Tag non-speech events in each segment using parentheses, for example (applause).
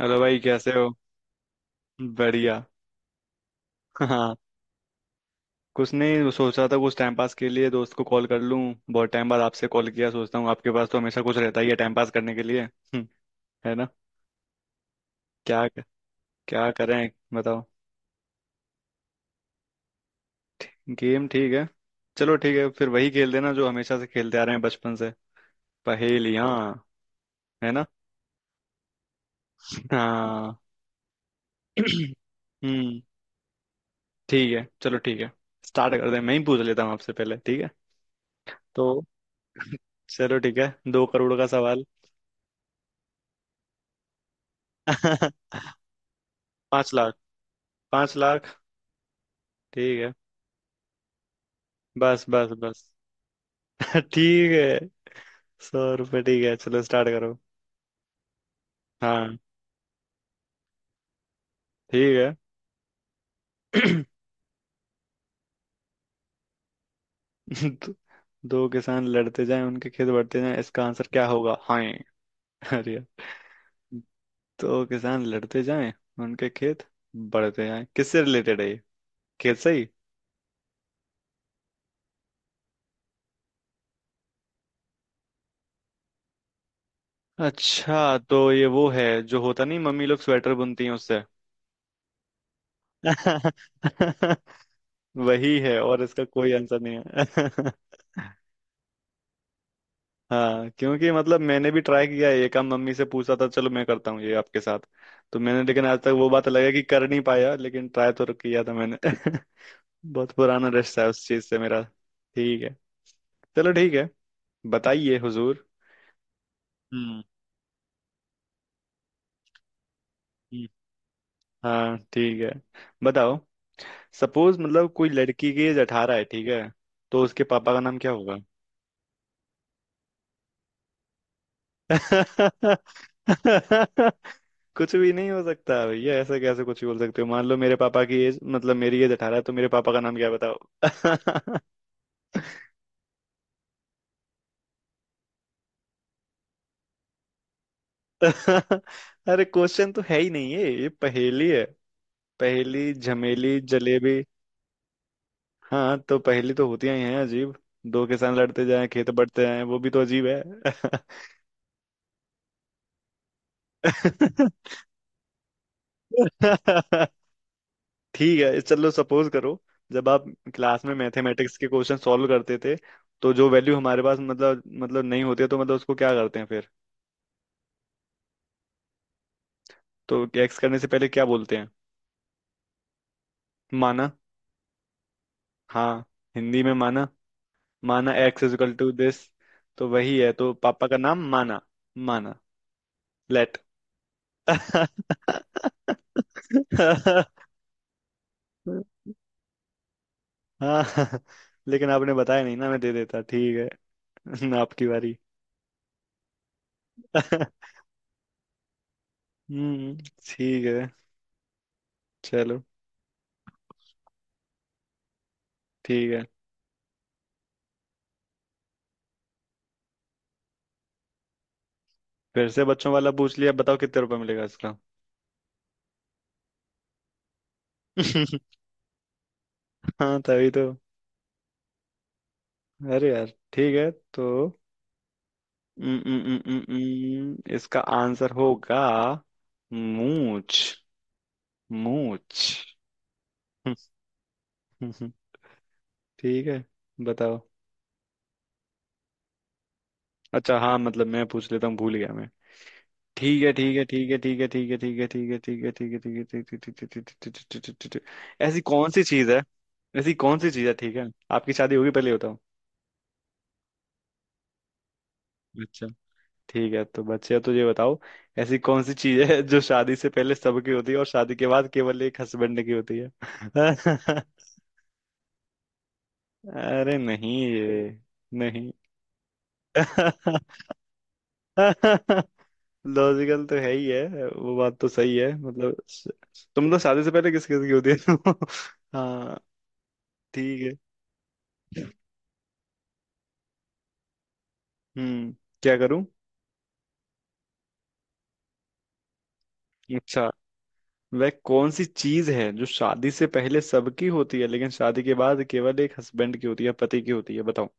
Hello भाई, कैसे हो। बढ़िया। हाँ, कुछ नहीं। वो सोच रहा था कुछ टाइम पास के लिए दोस्त को कॉल कर लूँ। बहुत टाइम बाद आपसे कॉल किया। सोचता हूँ आपके पास तो हमेशा कुछ रहता ही है टाइम पास करने के लिए। है ना। क्या? क्या करें बताओ। गेम ठीक है। चलो ठीक है, फिर वही खेल देना जो हमेशा से खेलते आ रहे हैं बचपन से। पहेलियाँ। है ना। हाँ। (clears throat) हम्म ठीक है। चलो ठीक है, स्टार्ट कर दे। मैं ही पूछ लेता हूँ आपसे पहले, ठीक है। तो (laughs) चलो ठीक है। 2 करोड़ का सवाल। (laughs) 5 लाख। 5 लाख ठीक है। बस बस बस। (laughs) ठीक है। 100 रुपये ठीक है, चलो स्टार्ट करो। हाँ ठीक है। (clears throat) दो, दो किसान लड़ते जाएं उनके खेत बढ़ते जाएं, इसका आंसर क्या होगा। हाँ। (laughs) अरे यार। दो किसान लड़ते जाएं, उनके खेत बढ़ते जाएं, किससे रिलेटेड है ये। खेत से ही। अच्छा, तो ये वो है जो होता नहीं मम्मी लोग स्वेटर बुनती हैं उससे। (laughs) वही है और इसका कोई आंसर नहीं है। (laughs) हाँ, क्योंकि मतलब मैंने भी ट्राई किया है ये काम, मम्मी से पूछा था। चलो मैं करता हूँ ये आपके साथ। तो मैंने, लेकिन आज तक वो बात अलग है कि कर नहीं पाया, लेकिन ट्राई तो किया था मैंने। (laughs) बहुत पुराना रिश्ता है उस चीज से मेरा। ठीक है, चलो ठीक है। बताइए हुजूर। हम्म हम्म, हाँ ठीक है, बताओ। सपोज मतलब कोई लड़की की एज 18 है, ठीक है। तो उसके पापा का नाम क्या होगा। (laughs) कुछ भी नहीं हो सकता भैया। ऐसे कैसे कुछ भी बोल सकते हो। मान लो मेरे पापा की एज, मतलब मेरी एज 18 है, तो मेरे पापा का नाम क्या है बताओ। (laughs) अरे क्वेश्चन तो है ही नहीं है, ये पहेली है। पहेली झमेली जलेबी। हाँ, तो पहेली तो होती ही हैं अजीब। दो किसान लड़ते जाएं, खेत बढ़ते जाएं, वो भी तो अजीब है। (laughs) ठीक है, चलो सपोज करो। जब आप क्लास में मैथमेटिक्स के क्वेश्चन सॉल्व करते थे, तो जो वैल्यू हमारे पास मतलब नहीं होती है, तो मतलब उसको क्या करते हैं फिर। तो एक्स करने से पहले क्या बोलते हैं। माना। हाँ, हिंदी में माना। माना x is equal to this. तो वही है, तो पापा का नाम माना। माना, लेट। हाँ, लेकिन आपने बताया नहीं ना, मैं दे देता। ठीक है आपकी बारी। हम्म ठीक है। चलो ठीक है। फिर से बच्चों वाला पूछ लिया, बताओ कितने रुपए मिलेगा इसका। (laughs) हाँ तभी तो। अरे यार। ठीक है तो इसका आंसर होगा मूछ। मूछ। हम्म, हम्म, हम्म, ठीक है, बताओ। अच्छा हाँ, मतलब मैं पूछ लेता हूँ, भूल गया मैं। ठीक है। ठीक है। ठीक है। ठीक है। ठीक है। ठीक है। ठीक है। ठीक है। ठीक है। ठीक है। ठीक है। ठीक है। ठीक है, ऐसी कौन सी चीज है। ऐसी कौन सी चीज है, ठीक है। आपकी शादी होगी पहले। बताओ। ठीक है तो बच्चे, तो ये बताओ। ऐसी कौन सी चीज है जो शादी से पहले सबकी होती है और शादी के बाद केवल एक हस्बैंड की होती है। (laughs) अरे नहीं, ये नहीं। (laughs) लॉजिकल तो है ही है, वो बात तो सही है। तुम तो शादी से पहले किस किस की होती है। (laughs) हाँ ठीक है। हम्म क्या करूं। अच्छा, वह कौन सी चीज है जो शादी से पहले सबकी होती है लेकिन शादी के बाद केवल एक हस्बैंड की होती है, पति की होती है, बताओ।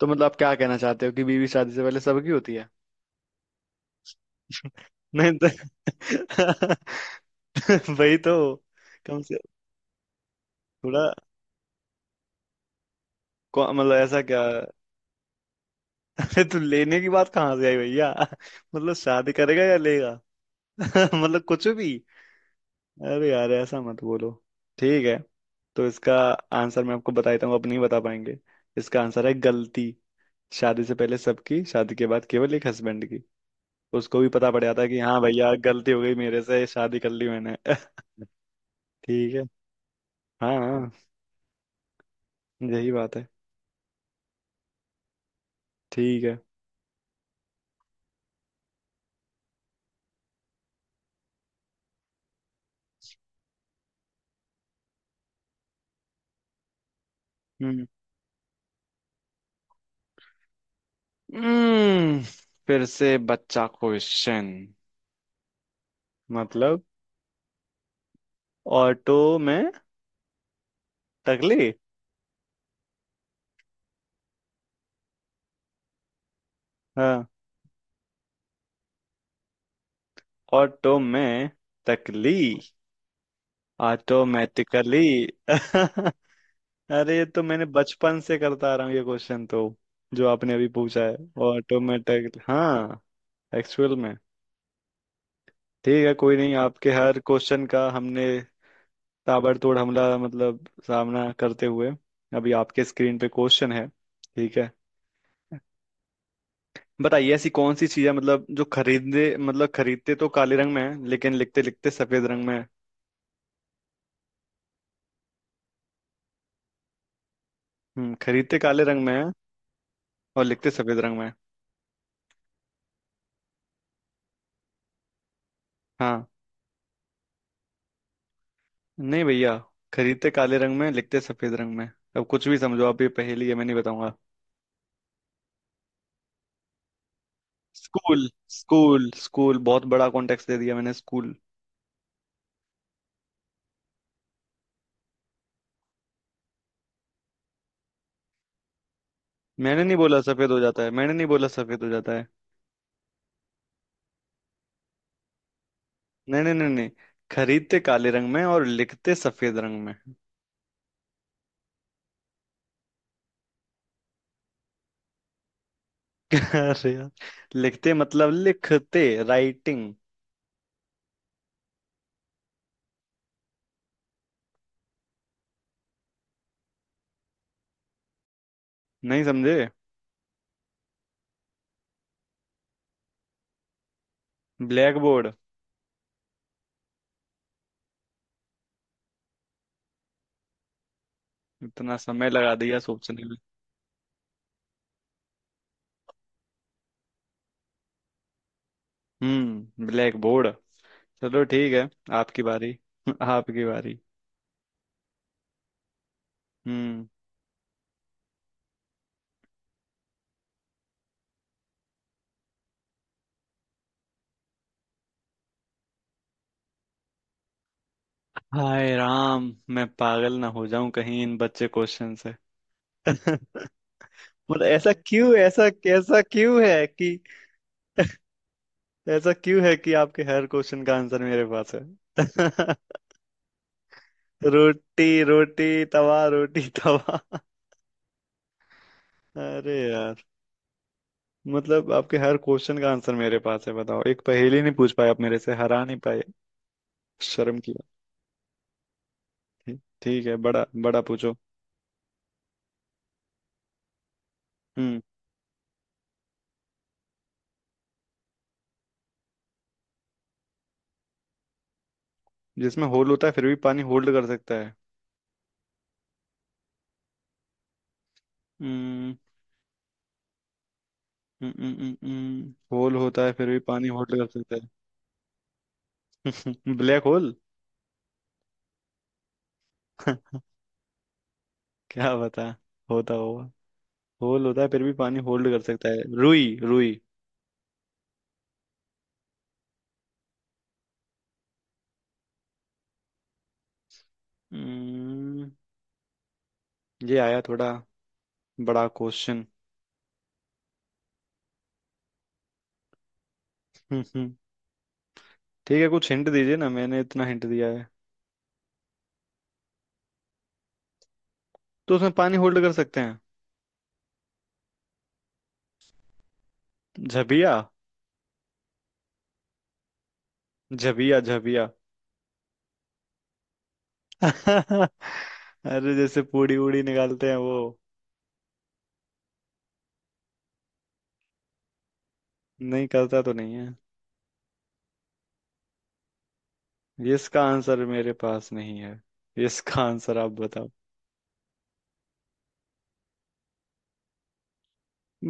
तो मतलब आप क्या कहना चाहते हो कि बीवी शादी से पहले सबकी होती है। नहीं तो। (laughs) वही तो। कम से, थोड़ा, मतलब ऐसा क्या। अरे तू लेने की बात कहाँ से आई भैया। मतलब शादी करेगा या लेगा। (laughs) मतलब कुछ भी। अरे यार, ऐसा मत बोलो। ठीक है, तो इसका आंसर मैं आपको बता देता हूँ, आप नहीं बता पाएंगे। इसका आंसर है गलती। शादी से पहले सबकी, शादी के बाद केवल एक हस्बैंड की। उसको भी पता पड़ जाता है कि हाँ भैया, गलती हो गई, मेरे से शादी कर ली मैंने। (laughs) ठीक है। हाँ हाँ, यही बात है। ठीक है। हम्म हम्म, फिर से बच्चा क्वेश्चन। मतलब, ऑटो में तकली। हाँ। ऑटो में तकली। ऑटोमेटिकली। (laughs) अरे ये तो मैंने बचपन से करता आ रहा हूँ, ये क्वेश्चन तो जो आपने अभी पूछा है। ऑटोमेटिक हाँ, एक्चुअल में। ठीक है कोई नहीं, आपके हर क्वेश्चन का हमने ताबड़तोड़ हमला, मतलब सामना करते हुए। अभी आपके स्क्रीन पे क्वेश्चन है, ठीक है। बताइए ऐसी कौन सी चीज है, मतलब जो खरीदते, खरीदते तो काले रंग में है लेकिन लिखते लिखते सफेद रंग में है। खरीदते काले रंग में है और लिखते सफेद रंग में है। हाँ। नहीं भैया, खरीदते काले रंग में, लिखते सफेद रंग में। अब कुछ भी समझो आप, ये पहेली है, मैं नहीं बताऊंगा। स्कूल। स्कूल। स्कूल बहुत बड़ा कॉन्टेक्स्ट दे दिया मैंने, स्कूल। मैंने नहीं बोला सफेद हो जाता है, मैंने नहीं बोला सफेद हो जाता है। नहीं नहीं नहीं नहीं, खरीदते काले रंग में और लिखते सफेद रंग में। (laughs) अरे यार, लिखते मतलब लिखते राइटिंग। नहीं समझे। Black board. इतना समय लगा दिया सोचने में। Black board. चलो ठीक है, आपकी बारी। (laughs) आपकी बारी। हम्म हाय राम, मैं पागल ना हो जाऊं कहीं इन बच्चे क्वेश्चन से। (laughs) मतलब, ऐसा क्यों, ऐसा कैसा क्यों है कि। (laughs) ऐसा क्यों है कि आपके हर क्वेश्चन का आंसर मेरे पास है। (laughs) रोटी रोटी तवा रोटी। (laughs) तवा। अरे यार, मतलब आपके हर क्वेश्चन का आंसर मेरे पास है। बताओ, एक पहेली नहीं पूछ पाए आप, मेरे से हरा नहीं पाए, शर्म की बात है। ठीक है, बड़ा बड़ा पूछो। हम्म जिसमें होल होता है फिर भी पानी होल्ड कर सकता है। हम्म होल होता है फिर भी पानी होल्ड कर सकता है। (laughs) Black hole. (laughs) क्या बता, होता होगा। होल होता है फिर भी पानी होल्ड कर सकता है। रुई रुई। हम्म, ये आया थोड़ा बड़ा क्वेश्चन। (laughs) ठीक है, कुछ हिंट दीजिए ना, मैंने इतना हिंट दिया है। तो उसमें पानी होल्ड कर सकते हैं। झबिया। झबिया झबिया। (laughs) अरे जैसे पूड़ी उड़ी निकालते हैं वो। नहीं करता तो नहीं है। इसका आंसर मेरे पास नहीं है, इसका आंसर आप बताओ।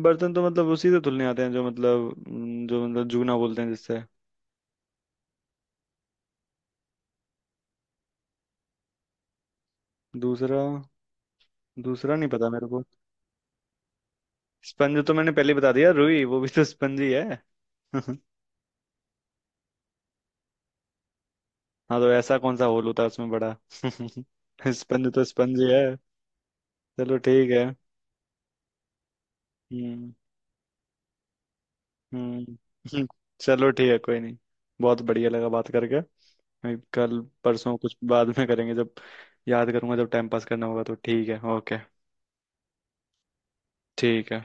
बर्तन तो मतलब उसी से धुलने आते हैं जो मतलब, जो मतलब जूना बोलते हैं जिससे। दूसरा, दूसरा नहीं पता मेरे को। स्पंज तो मैंने पहले ही बता दिया, रुई वो भी तो स्पंज ही है। (laughs) हाँ, तो ऐसा कौन सा होल होता है उसमें बड़ा। (laughs) स्पंज तो स्पंज ही है। चलो ठीक है। हम्म हम्म हम्म, चलो ठीक है, कोई नहीं। बहुत बढ़िया लगा बात करके। मैं कल परसों कुछ बाद में करेंगे, जब याद करूंगा, जब टाइम पास करना होगा तो। ठीक है, ओके। ठीक है।